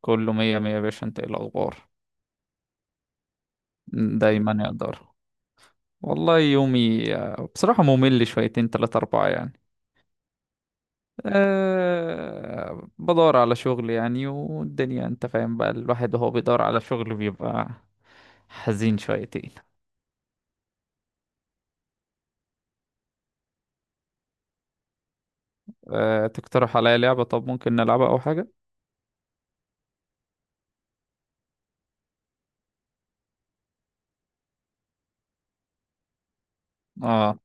كله مية مية يا باشا، انت ايه الاخبار؟ دايما يقدر. والله يومي بصراحة ممل شويتين تلاتة أربعة يعني. بدور على شغل يعني، والدنيا انت فاهم بقى، الواحد وهو بيدور على شغل بيبقى حزين شويتين. تقترح عليا لعبة؟ طب ممكن نلعبها أو حاجة. اه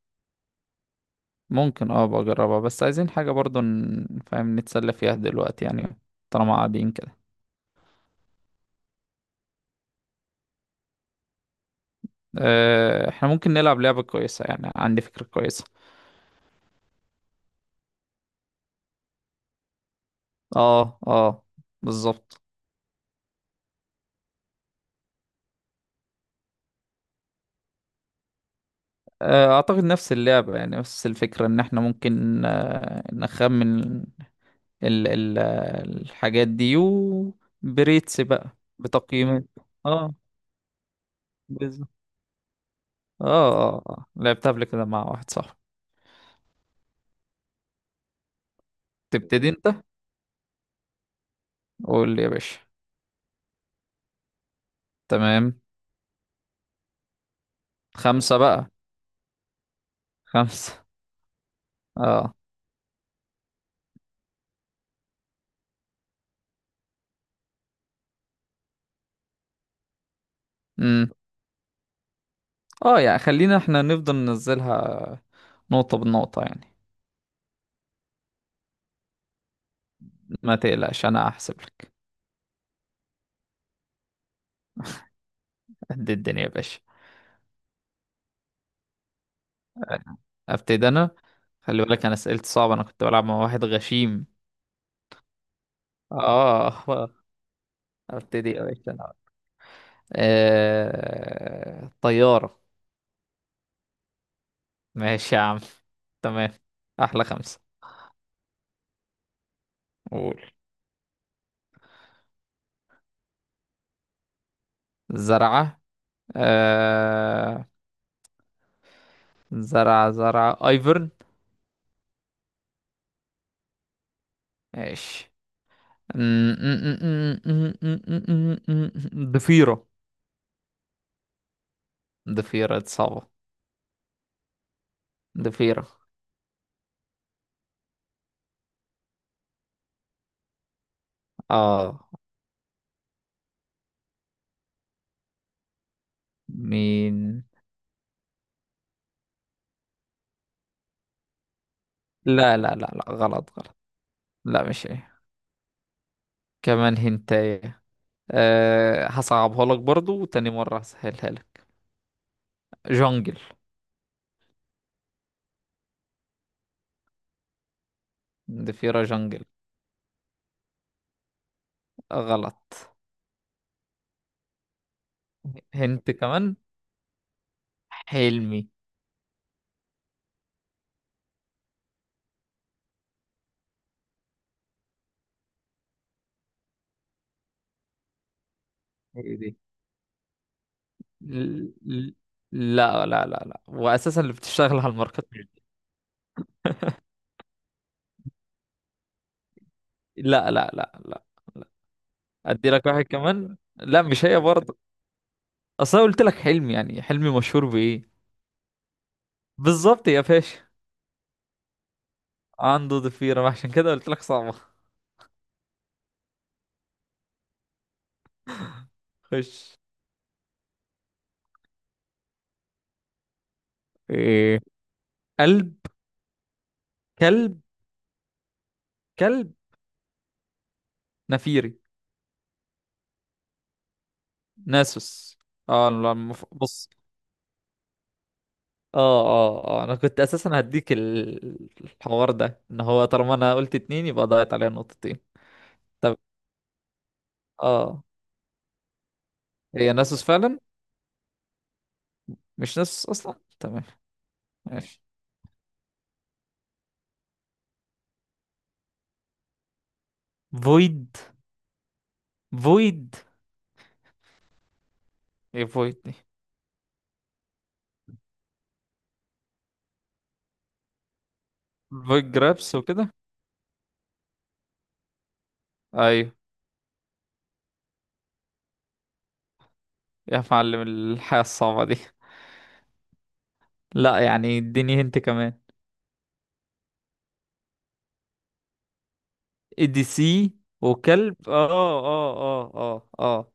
ممكن، بجربها، بس عايزين حاجة برضو فاهم، نتسلى فيها دلوقتي يعني، طالما قاعدين كده. احنا ممكن نلعب لعبة كويسة، يعني عندي فكرة كويسة. اه اه، بالظبط. اعتقد نفس اللعبة، يعني نفس الفكرة ان احنا ممكن نخمن ال ال الحاجات دي، وبريتس بقى بتقييمات. اه، بالظبط. اه اه لعبتها قبل كده مع واحد صاحبي. تبتدي انت، قول لي يا باشا. تمام. خمسة بقى. خمسة. اه. امم. اه يعني خلينا احنا نفضل ننزلها نقطة بنقطة يعني. ما تقلقش انا هحسب لك. قد الدنيا يا باشا. ابتدي انا. خلي بالك انا اسئلتي صعبه، انا كنت بلعب مع واحد غشيم. اه ابتدي يا باشا أنا. طياره. ماشي يا عم. تمام. احلى خمسه. قول. زرعه. آه... زرعه ايفرن. ماشي ضفيره. ضفيره دي صعبه. ضفيره. اه مين. لا لا لا لا، غلط غلط. لا مش هي. كمان هنتايه. هصعبها لك برضو، وتاني مرة هسهلها لك. جونجل. ضفيرة جونجل. غلط. هنت كمان. حلمي. هي دي. ل- ل- لا لا لا لا، وأساسا اللي بتشتغل على الماركات مش دي. لا لا لا لا لا. أدي لك واحد كمان، لا مش هي برضه. أصل أنا قلت لك حلمي، يعني حلمي مشهور بإيه؟ بالظبط يا باشا. عنده ضفيرة، ما عشان كده قلت لك صعبة. خش. إيه. قلب. كلب. كلب. نفيري. ناسوس. اه لا، بص. اه اه اه، انا كنت اساسا هديك الحوار ده، ان هو طالما انا قلت اتنين يبقى ضاعت عليا نقطتين. طب اه. هي ناسوس فعلا؟ مش ناسوس اصلا، تمام. ماشي. فويد. فويد. ايه فويد دي؟ فويد جرابس وكده. ايوه. يا معلم الحياة الصعبة دي. لا يعني اديني هنت كمان. اي دي سي. وكلب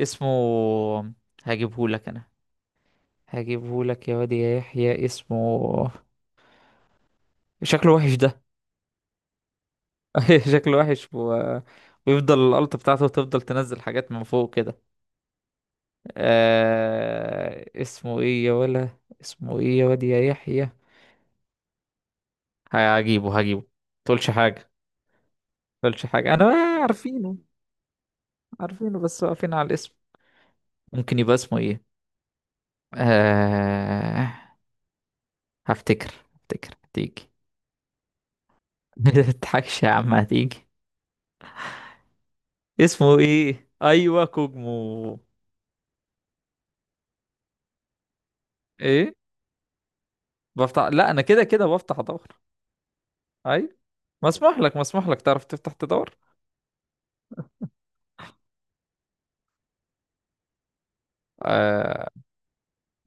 اسمه، هجيبهولك انا، هجيبهولك يا واد يا يحيى اسمه. شكله وحش ده. شكله وحش و... ويفضل الألت بتاعته تفضل تنزل حاجات من فوق كده. اسمه ايه يا ولا؟ اسمه ايه يا واد يا يحيى؟ هجيبه. تقولش حاجة. تقولش حاجة انا. عارفينه. عارفينه بس واقفين على الاسم. ممكن يبقى اسمه ايه؟ آه... هفتكر هتيجي. متضحكش يا عم، هتيجي. اسمه ايه؟ ايوه، كوجمو. ايه؟ بفتح؟ لا انا كده كده بفتح ادور. اي. مسموح لك مسموح لك، تعرف تفتح تدور. آه...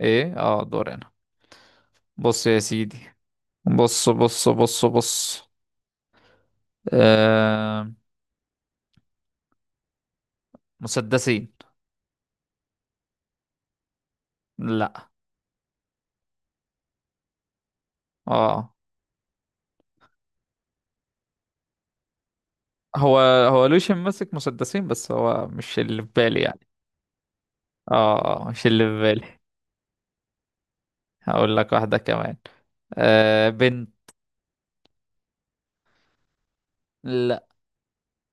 ايه، دور هنا. بص يا سيدي. بص بص بص بص. آه... مسدسين. لا. اه هو هو لوشن ماسك مسدسين، بس هو مش اللي في بالي يعني. اه، مش اللي في بالي. هقول لك واحدة كمان. بنت. لا.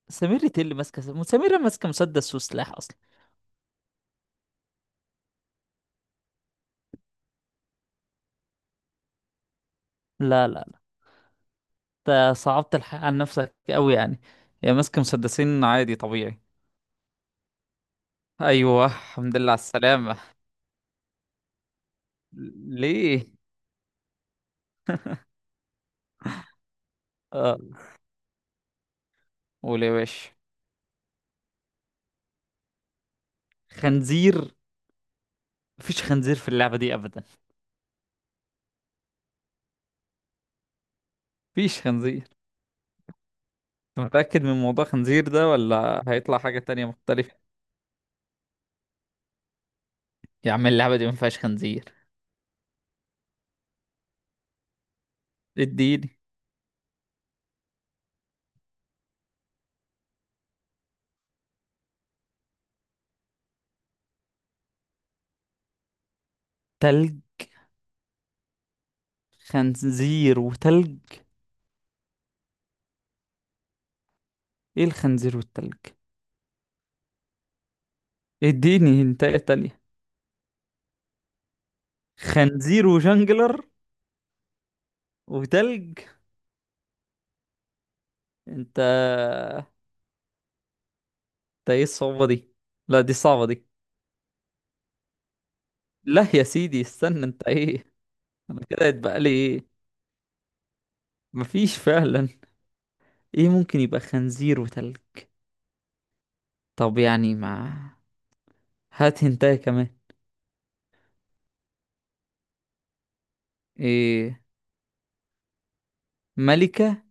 سميرة إيه اللي ماسكة؟ سميرة ماسكة مسدس وسلاح اصلا. لا لا. انت صعبت الحق عن نفسك قوي يعني. يا ماسك مسدسين عادي طبيعي. ايوه، الحمد لله على السلامة. ليه؟ اه قول يا باشا. خنزير. مفيش خنزير في اللعبة دي ابدا. مفيش خنزير. انت متأكد من موضوع خنزير ده؟ ولا هيطلع حاجة تانية مختلفة؟ يا عم اللعبة دي مفيهاش خنزير. اديني. تلج. خنزير وتلج. ايه الخنزير والتلج؟ اديني انت تانية. خنزير وجنجلر. وتلج. انت. ده ايه الصعوبة دي؟ لا دي صعبة دي. لا يا سيدي، استنى. انت ايه؟ انا كده يتبقى لي ايه؟ مفيش فعلا. ايه؟ ممكن يبقى خنزير وتلج. طب يعني ما. هات هنتايه كمان. ايه؟ ملكة.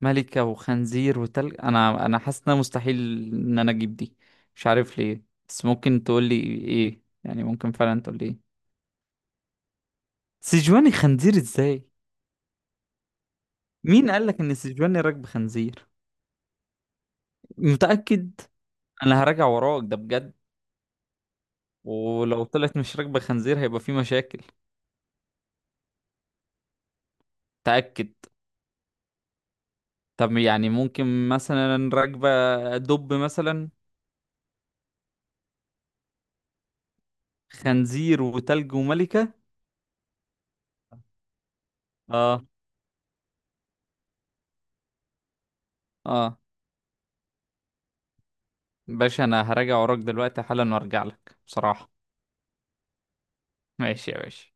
ملكة وخنزير وتلج. انا حاسس انها مستحيل ان انا اجيب دي. مش عارف ليه. بس ممكن تقول لي ايه؟ يعني ممكن فعلا تقول لي ايه؟ سيجواني خنزير ازاي؟ مين قالك ان سيجواني راكب خنزير؟ متأكد. انا هراجع وراك ده بجد. ولو طلعت مش راكبة خنزير، هيبقى في مشاكل. تأكد. طب يعني ممكن مثلا راكبة دب مثلا. خنزير وتلج وملكة. اه اه. باشا انا هراجع وراك دلوقتي حالا، وارجع لك بصراحة. ماشي يا باشا.